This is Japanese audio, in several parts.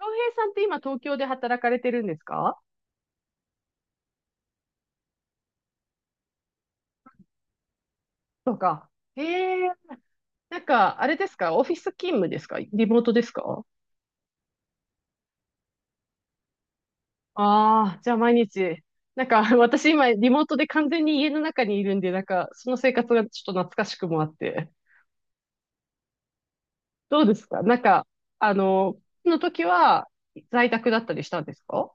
洋平さんって今東京で働かれてるんですか？とか。へえ。なんか、あれですか？オフィス勤務ですか？リモートですか？ああー、じゃあ毎日。なんか、私今リモートで完全に家の中にいるんで、なんか、その生活がちょっと懐かしくもあって。どうですか？なんか、あの、の時は在宅だったりしたんですか？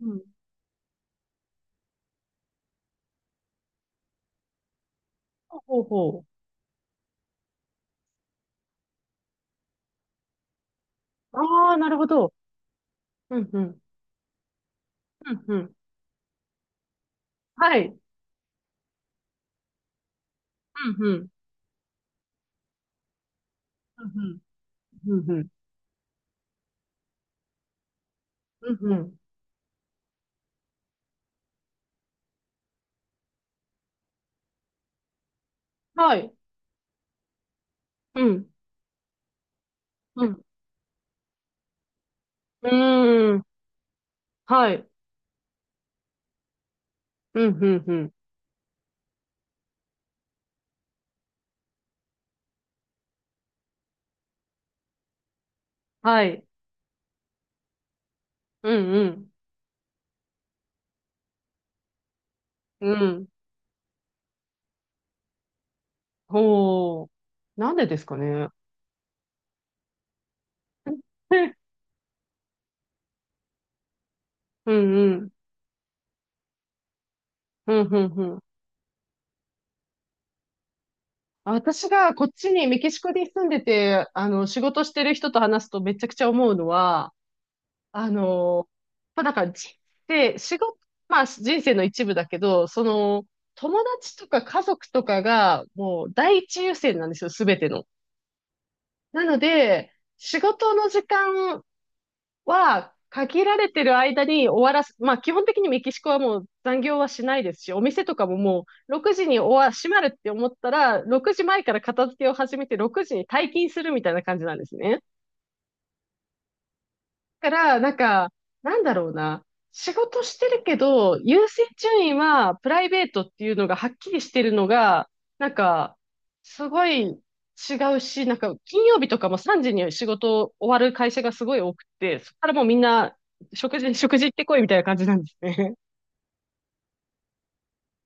うん。ほうほうほう。ああ、なるほど。うんうん。うんうん。はい。うんうん。うんうん。うんうん。うんうん。はい。うん。うんうーん。はい。うん、うん、うん。はい。うん、うん。うん。ほう。なんでですかね。え。うん、うん。うん、うん、うん。私がこっちにメキシコに住んでて、あの、仕事してる人と話すとめちゃくちゃ思うのは、あの、まあ、なんか、じで、仕事、まあ、人生の一部だけど、その、友達とか家族とかが、もう、第一優先なんですよ、すべての。なので、仕事の時間は、限られてる間に終わらす。まあ、基本的にメキシコはもう残業はしないですし、お店とかももう6時に閉まるって思ったら、6時前から片付けを始めて6時に退勤するみたいな感じなんですね。から、なんか、なんだろうな。仕事してるけど、優先順位はプライベートっていうのがはっきりしてるのが、なんか、すごい違うし、なんか、金曜日とかも3時に仕事終わる会社がすごい多くて、そこからもうみんな、食事行ってこいみたいな感じなんですね。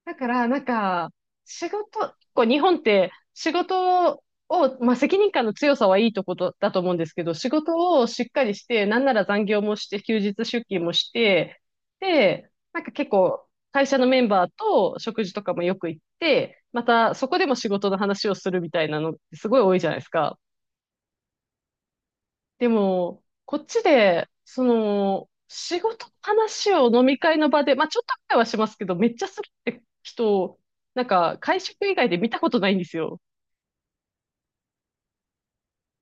だから、なんか、こう日本って仕事を、まあ、責任感の強さはいいとことだと思うんですけど、仕事をしっかりして、なんなら残業もして、休日出勤もして、で、なんか結構、会社のメンバーと食事とかもよく行って、またそこでも仕事の話をするみたいなのってすごい多いじゃないですか。でも、こっちで、その、仕事の話を飲み会の場で、まあちょっとくらいはしますけど、めっちゃするって人なんか、会食以外で見たことないんですよ。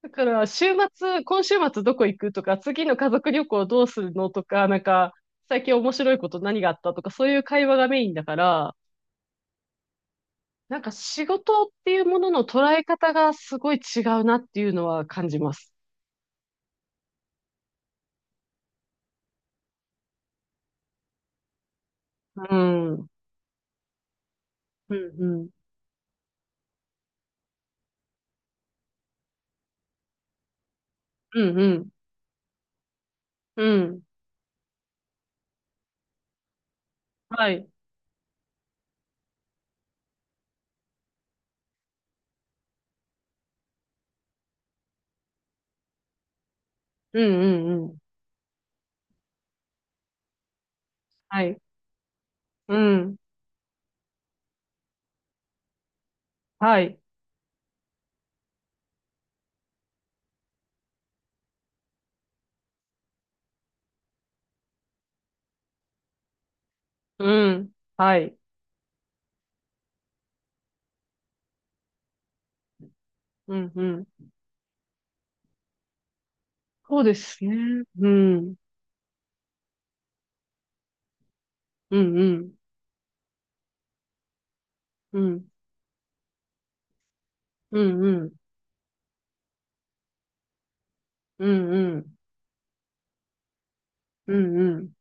だから、今週末どこ行くとか、次の家族旅行どうするのとか、なんか、最近面白いこと何があったとか、そういう会話がメインだから、なんか仕事っていうものの捉え方がすごい違うなっていうのは感じます。うん。うんうん。うんうん。うん。はい。うんうんはい。うん。はい。うん。はい。うん、うん。そうですね。うん。うん、うん。うん。うん、うん。うん、うん。うん、うん。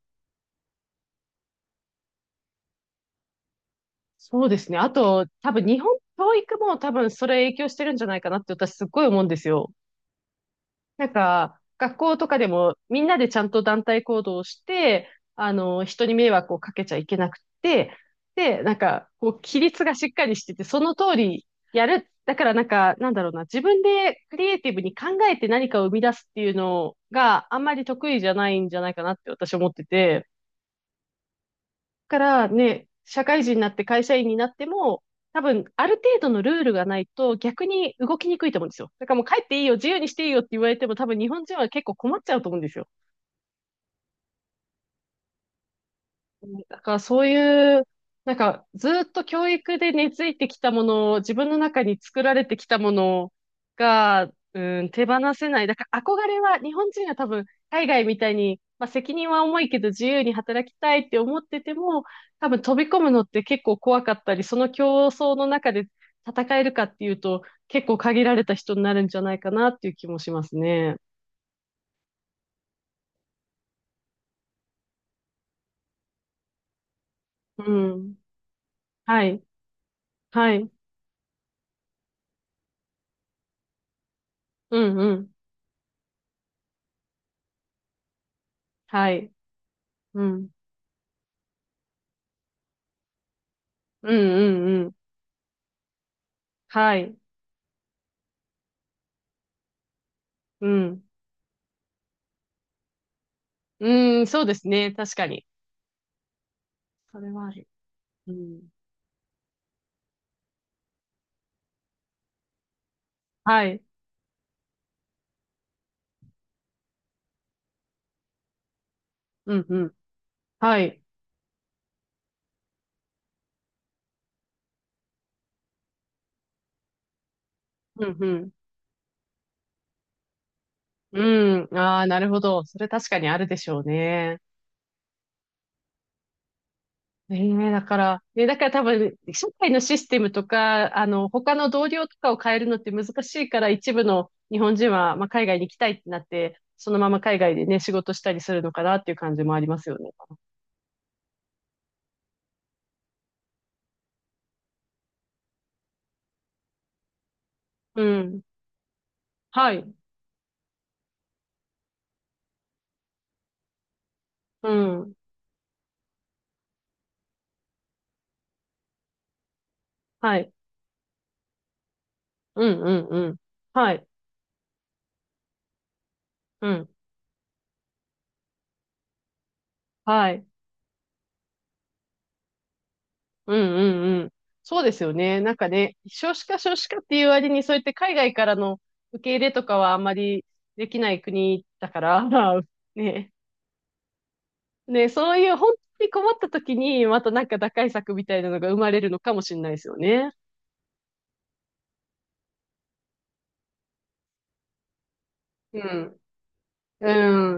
そうですね。あと、多分日本教育も多分それ影響してるんじゃないかなって私すっごい思うんですよ。なんか、学校とかでもみんなでちゃんと団体行動をして、あの、人に迷惑をかけちゃいけなくて、で、なんか、こう、規律がしっかりしてて、その通りやる。だからなんか、なんだろうな、自分でクリエイティブに考えて何かを生み出すっていうのがあんまり得意じゃないんじゃないかなって私は思ってて、からね、社会人になって会社員になっても、多分、ある程度のルールがないと逆に動きにくいと思うんですよ。だからもう帰っていいよ、自由にしていいよって言われても多分日本人は結構困っちゃうと思うんですよ。だからそういう、なんかずっと教育で根付いてきたものを、自分の中に作られてきたものが、うん、手放せない。だから憧れは、日本人は多分海外みたいに、まあ、責任は重いけど自由に働きたいって思ってても、多分飛び込むのって結構怖かったり、その競争の中で戦えるかっていうと、結構限られた人になるんじゃないかなっていう気もしますね。うん。はい。はい。うんうん。はい。うん。うんうんうん。はい。うん。うん、そうですね。確かに。それはある。うん。はい。うん、うん。はい。うん、うん。うん。ああ、なるほど。それ確かにあるでしょうね。ええ、だから、だから多分、社会のシステムとか、あの、他の同僚とかを変えるのって難しいから、一部の日本人は、まあ、海外に行きたいってなって、そのまま海外でね、仕事したりするのかなっていう感じもありますよね。うん。はい。うん。はい。うん、うん、うん。はい。うん。はい。うんうんうん。そうですよね。なんかね、少子化少子化っていう割に、そうやって海外からの受け入れとかはあんまりできない国だから、ね。ね、そういう本当に困った時に、またなんか打開策みたいなのが生まれるのかもしれないですよね。うん。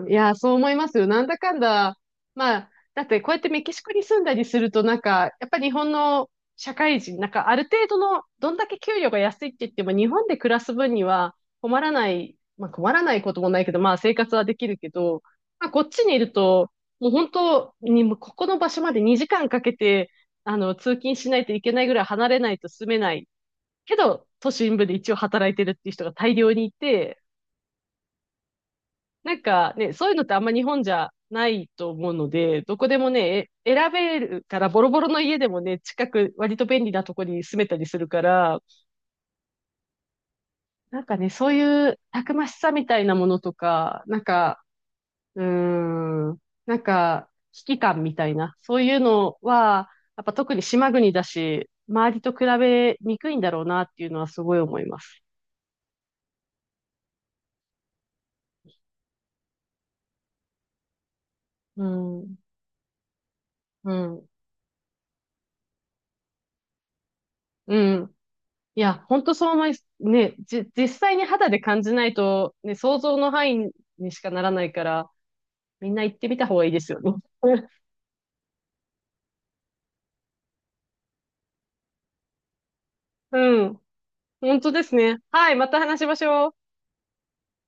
うん。いや、そう思いますよ。なんだかんだ。まあ、だってこうやってメキシコに住んだりすると、なんか、やっぱ日本の社会人、なんかある程度の、どんだけ給料が安いって言っても、日本で暮らす分には困らない、まあ困らないこともないけど、まあ生活はできるけど、まあこっちにいると、もう本当に、もうここの場所まで2時間かけて、あの、通勤しないといけないぐらい離れないと住めない。けど、都心部で一応働いてるっていう人が大量にいて、なんかね、そういうのってあんま日本じゃないと思うので、どこでもね、選べるから、ボロボロの家でもね、近く、割と便利なとこに住めたりするから、なんかね、そういうたくましさみたいなものとか、なんか、うーん、なんか、危機感みたいな、そういうのは、やっぱ特に島国だし、周りと比べにくいんだろうなっていうのはすごい思います。うん、うん、うん。いや、本当そう思い、ね、実際に肌で感じないと、ね、想像の範囲にしかならないから、みんな行ってみた方がいいですよね。うん。本当ですね。はい、また話しましょう。